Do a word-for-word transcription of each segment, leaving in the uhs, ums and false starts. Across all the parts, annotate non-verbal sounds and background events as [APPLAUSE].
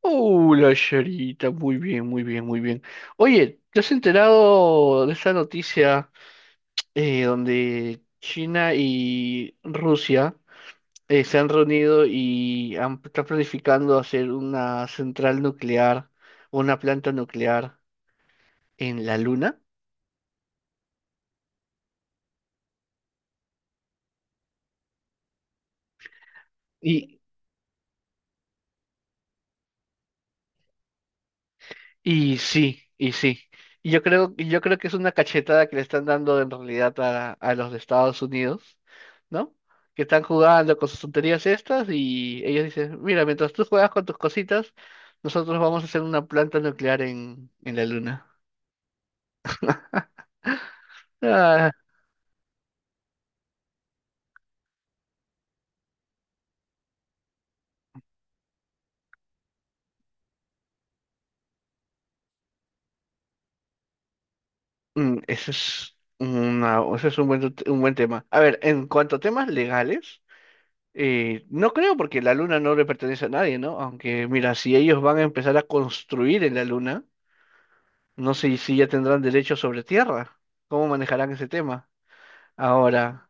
Hola, Charita, muy bien, muy bien, muy bien. Oye, ¿te has enterado de esa noticia eh, donde China y Rusia eh, se han reunido y han, están planificando hacer una central nuclear, una planta nuclear en la Luna? Y Y sí, y sí. Y yo creo, y yo creo que es una cachetada que le están dando en realidad a, a los de Estados Unidos, ¿no? Que están jugando con sus tonterías estas y ellos dicen, mira, mientras tú juegas con tus cositas, nosotros vamos a hacer una planta nuclear en, en la luna. Ah, mm, ese es una, ese es un buen, t- un buen tema. A ver, en cuanto a temas legales, eh, no creo porque la luna no le pertenece a nadie, ¿no? Aunque, mira, si ellos van a empezar a construir en la luna. No sé si ya tendrán derecho sobre tierra. ¿Cómo manejarán ese tema? Ahora,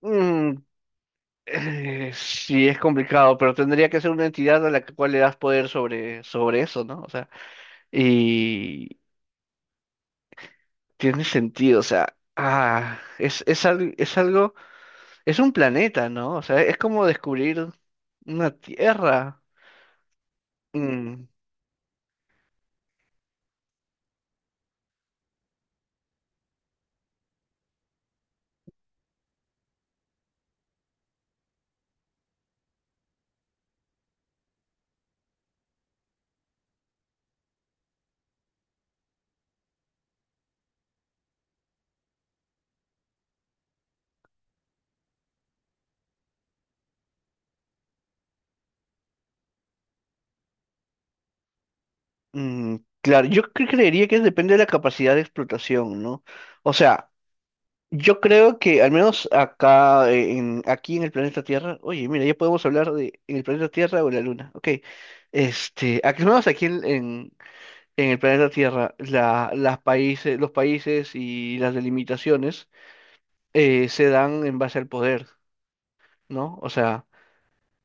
mm, eh, sí es complicado, pero tendría que ser una entidad a la que- cual le das poder sobre, sobre eso, ¿no? O sea, y tiene sentido, o sea, ah, es, es, al- es algo, es un planeta, ¿no? O sea, es como descubrir una tierra. Mm, mm, claro, yo cre- creería que depende de la capacidad de explotación, ¿no? O sea, yo creo que al menos acá, eh, en, aquí en el planeta Tierra, oye, mira, ya podemos hablar de en el planeta Tierra o en la Luna, ok. Este, al menos aquí en, en, en el planeta Tierra, la, las países, los países y las delimitaciones eh, se dan en base al poder, ¿no? O sea,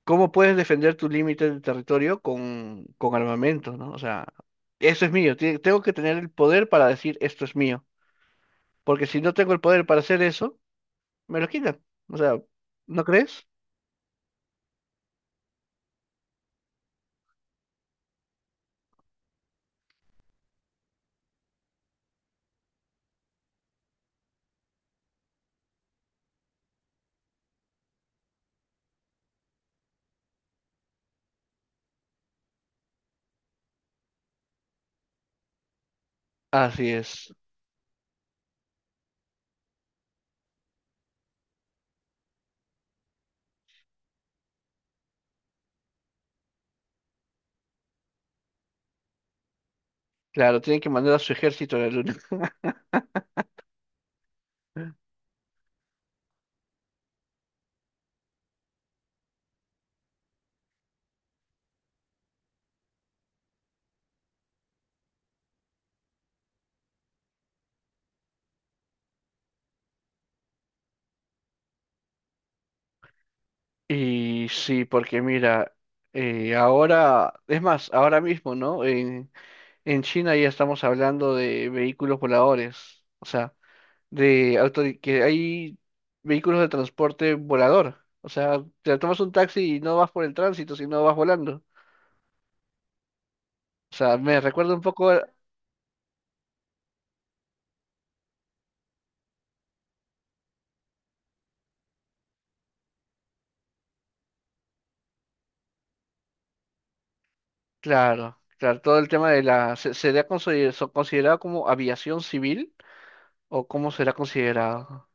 ¿cómo puedes defender tu límite de territorio con, con armamento, ¿no? O sea, eso es mío, tie- tengo que tener el poder para decir esto es mío, porque si no tengo el poder para hacer eso me lo quitan. O sea, ¿no crees? Así es. Claro, tienen que mandar a su ejército a la luna. [LAUGHS] Y sí, porque mira, eh, ahora, es más, ahora mismo, ¿no? En, en China ya estamos hablando de vehículos voladores, o sea, de auto, que hay vehículos de transporte volador. O sea, te tomas un taxi y no vas por el tránsito, sino vas volando. O sea, me recuerda un poco, a- claro, claro, todo el tema de la, se, sería consider- so- considerado como aviación civil o cómo será considerado.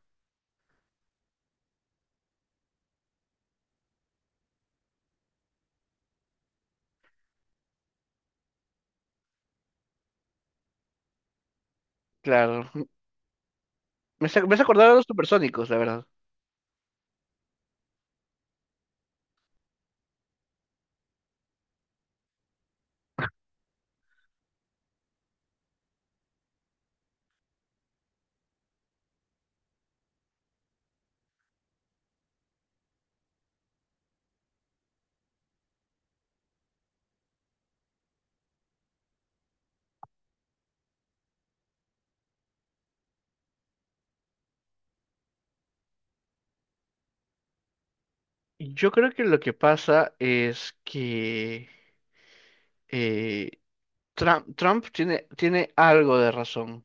Claro, me hace, me hace acordar a los supersónicos, la verdad. Yo creo que lo que pasa es que eh, Trump, Trump tiene, tiene algo de razón,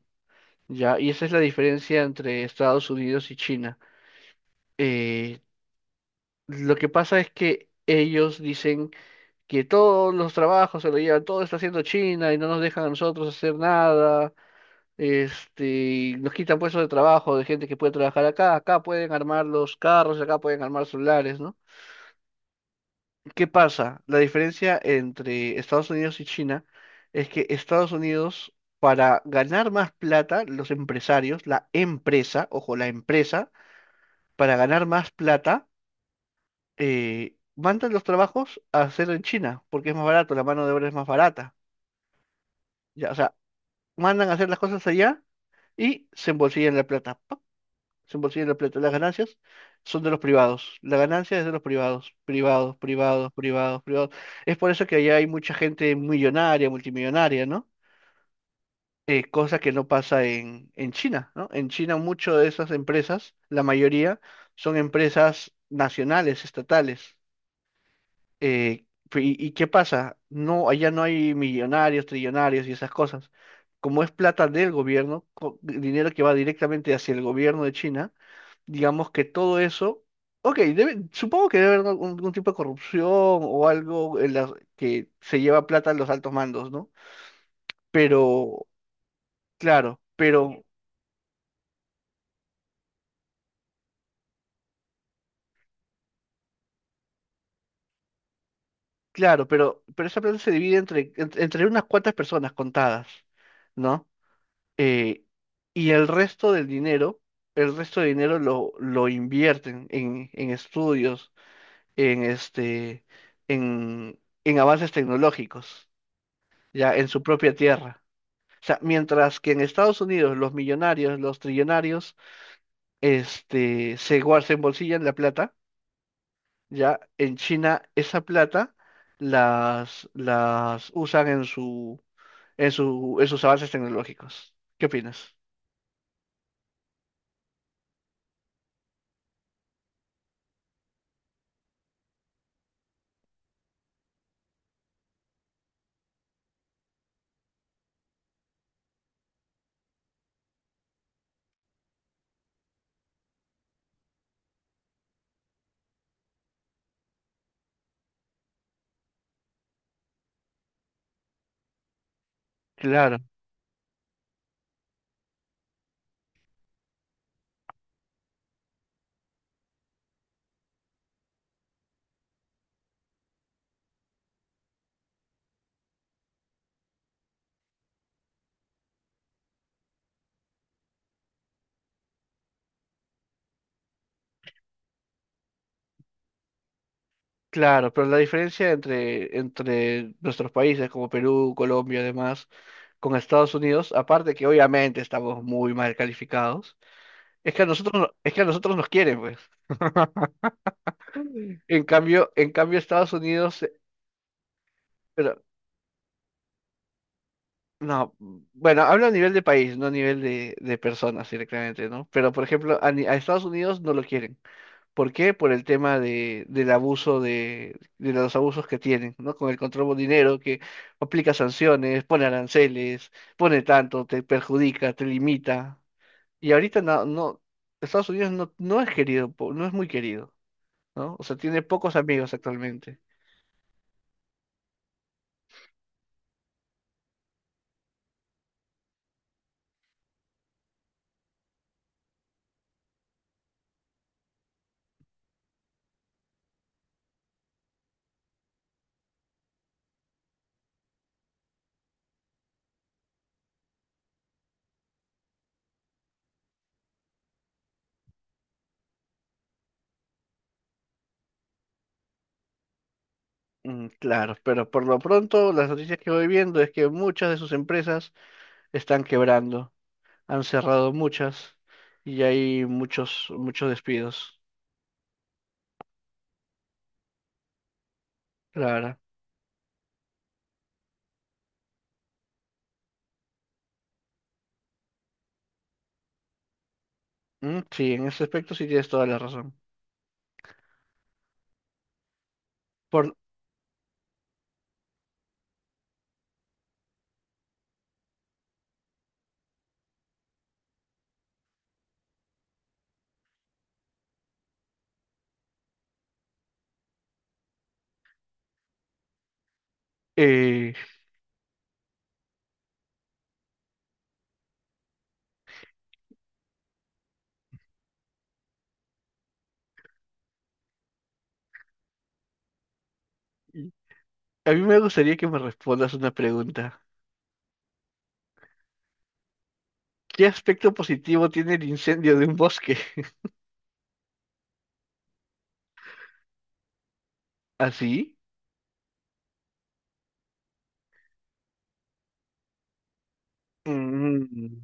¿ya? Y esa es la diferencia entre Estados Unidos y China. Eh, lo que pasa es que ellos dicen que todos los trabajos se lo llevan, todo está haciendo China y no nos dejan a nosotros hacer nada. Este, y nos quitan puestos de trabajo de gente que puede trabajar acá, acá pueden armar los carros, acá pueden armar celulares, ¿no? ¿Qué pasa? La diferencia entre Estados Unidos y China es que Estados Unidos, para ganar más plata, los empresarios, la empresa, ojo, la empresa, para ganar más plata, eh, mandan los trabajos a hacer en China, porque es más barato, la mano de obra es más barata. Ya, o sea, mandan a hacer las cosas allá y se embolsillan la plata. cien por ciento de la plata. Las ganancias son de los privados. La ganancia es de los privados. Privados, privados, privados, privados. Es por eso que allá hay mucha gente millonaria, multimillonaria, ¿no? Eh, cosa que no pasa en, en China, ¿no? En China muchas de esas empresas, la mayoría, son empresas nacionales, estatales. Eh, pe- ¿y, y qué pasa? No, allá no hay millonarios, trillonarios y esas cosas. Como es plata del gobierno, co- dinero que va directamente hacia el gobierno de China, digamos que todo eso, ok, debe- supongo que debe haber algún, algún tipo de corrupción o algo en las que se lleva plata a los altos mandos, ¿no? Pero, claro, pero, claro, pero, pero esa plata se divide entre, en- entre unas cuantas personas contadas, ¿no? Eh, y el resto del dinero, el resto de dinero lo, lo invierten en, en estudios, en este, en, en avances tecnológicos, ya, en su propia tierra. O sea, mientras que en Estados Unidos los millonarios, los trillonarios, este, se, guar- se embolsillan la plata, ya en China esa plata las, las usan en su, en su, en sus avances tecnológicos. ¿Qué opinas? Claro, claro, pero la diferencia entre, entre nuestros países como Perú, Colombia, además, con Estados Unidos, aparte que obviamente estamos muy mal calificados, es que a nosotros, no- es que a nosotros nos quieren, pues. En cambio, en cambio Estados Unidos. Pero, no, bueno, hablo a nivel de país, no a nivel de, de personas directamente, ¿no? Pero, por ejemplo, a, ni- a Estados Unidos no lo quieren. ¿Por qué? Por el tema de, del abuso de, de los abusos que tienen, ¿no? Con el control de dinero que aplica sanciones, pone aranceles, pone tanto, te perjudica, te limita. Y ahorita no, no, Estados Unidos no, no es querido, po- no es muy querido, ¿no? O sea, tiene pocos amigos actualmente. Mm, Claro, pero por lo pronto las noticias que voy viendo es que muchas de sus empresas están quebrando, han cerrado muchas y hay muchos, muchos despidos. Claro. Mm, Sí, en ese aspecto sí tienes toda la razón. Por, eh, a mí me gustaría que me respondas una pregunta. ¿Qué aspecto positivo tiene el incendio de un bosque? [LAUGHS] ¿Así? Mm,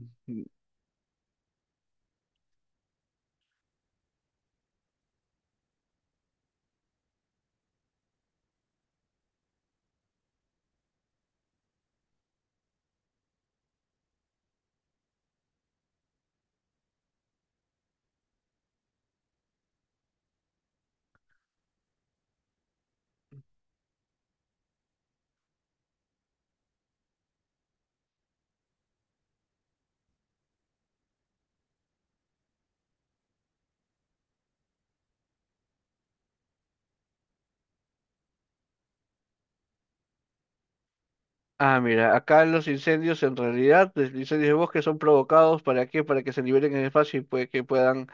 Ah, mira, acá los incendios en realidad, los incendios de bosque son provocados ¿para qué? Para que se liberen en el espacio y puede que puedan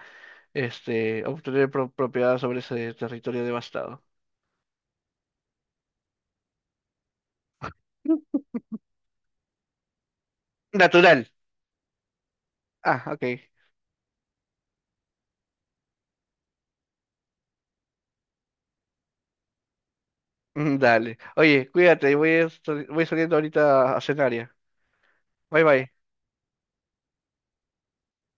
este, obtener pro- propiedad sobre ese territorio devastado. Natural. Ah, ok. [LAUGHS] Mm, Dale. Oye, cuídate, voy, a voy saliendo ahorita a cenar ya. Bye bye.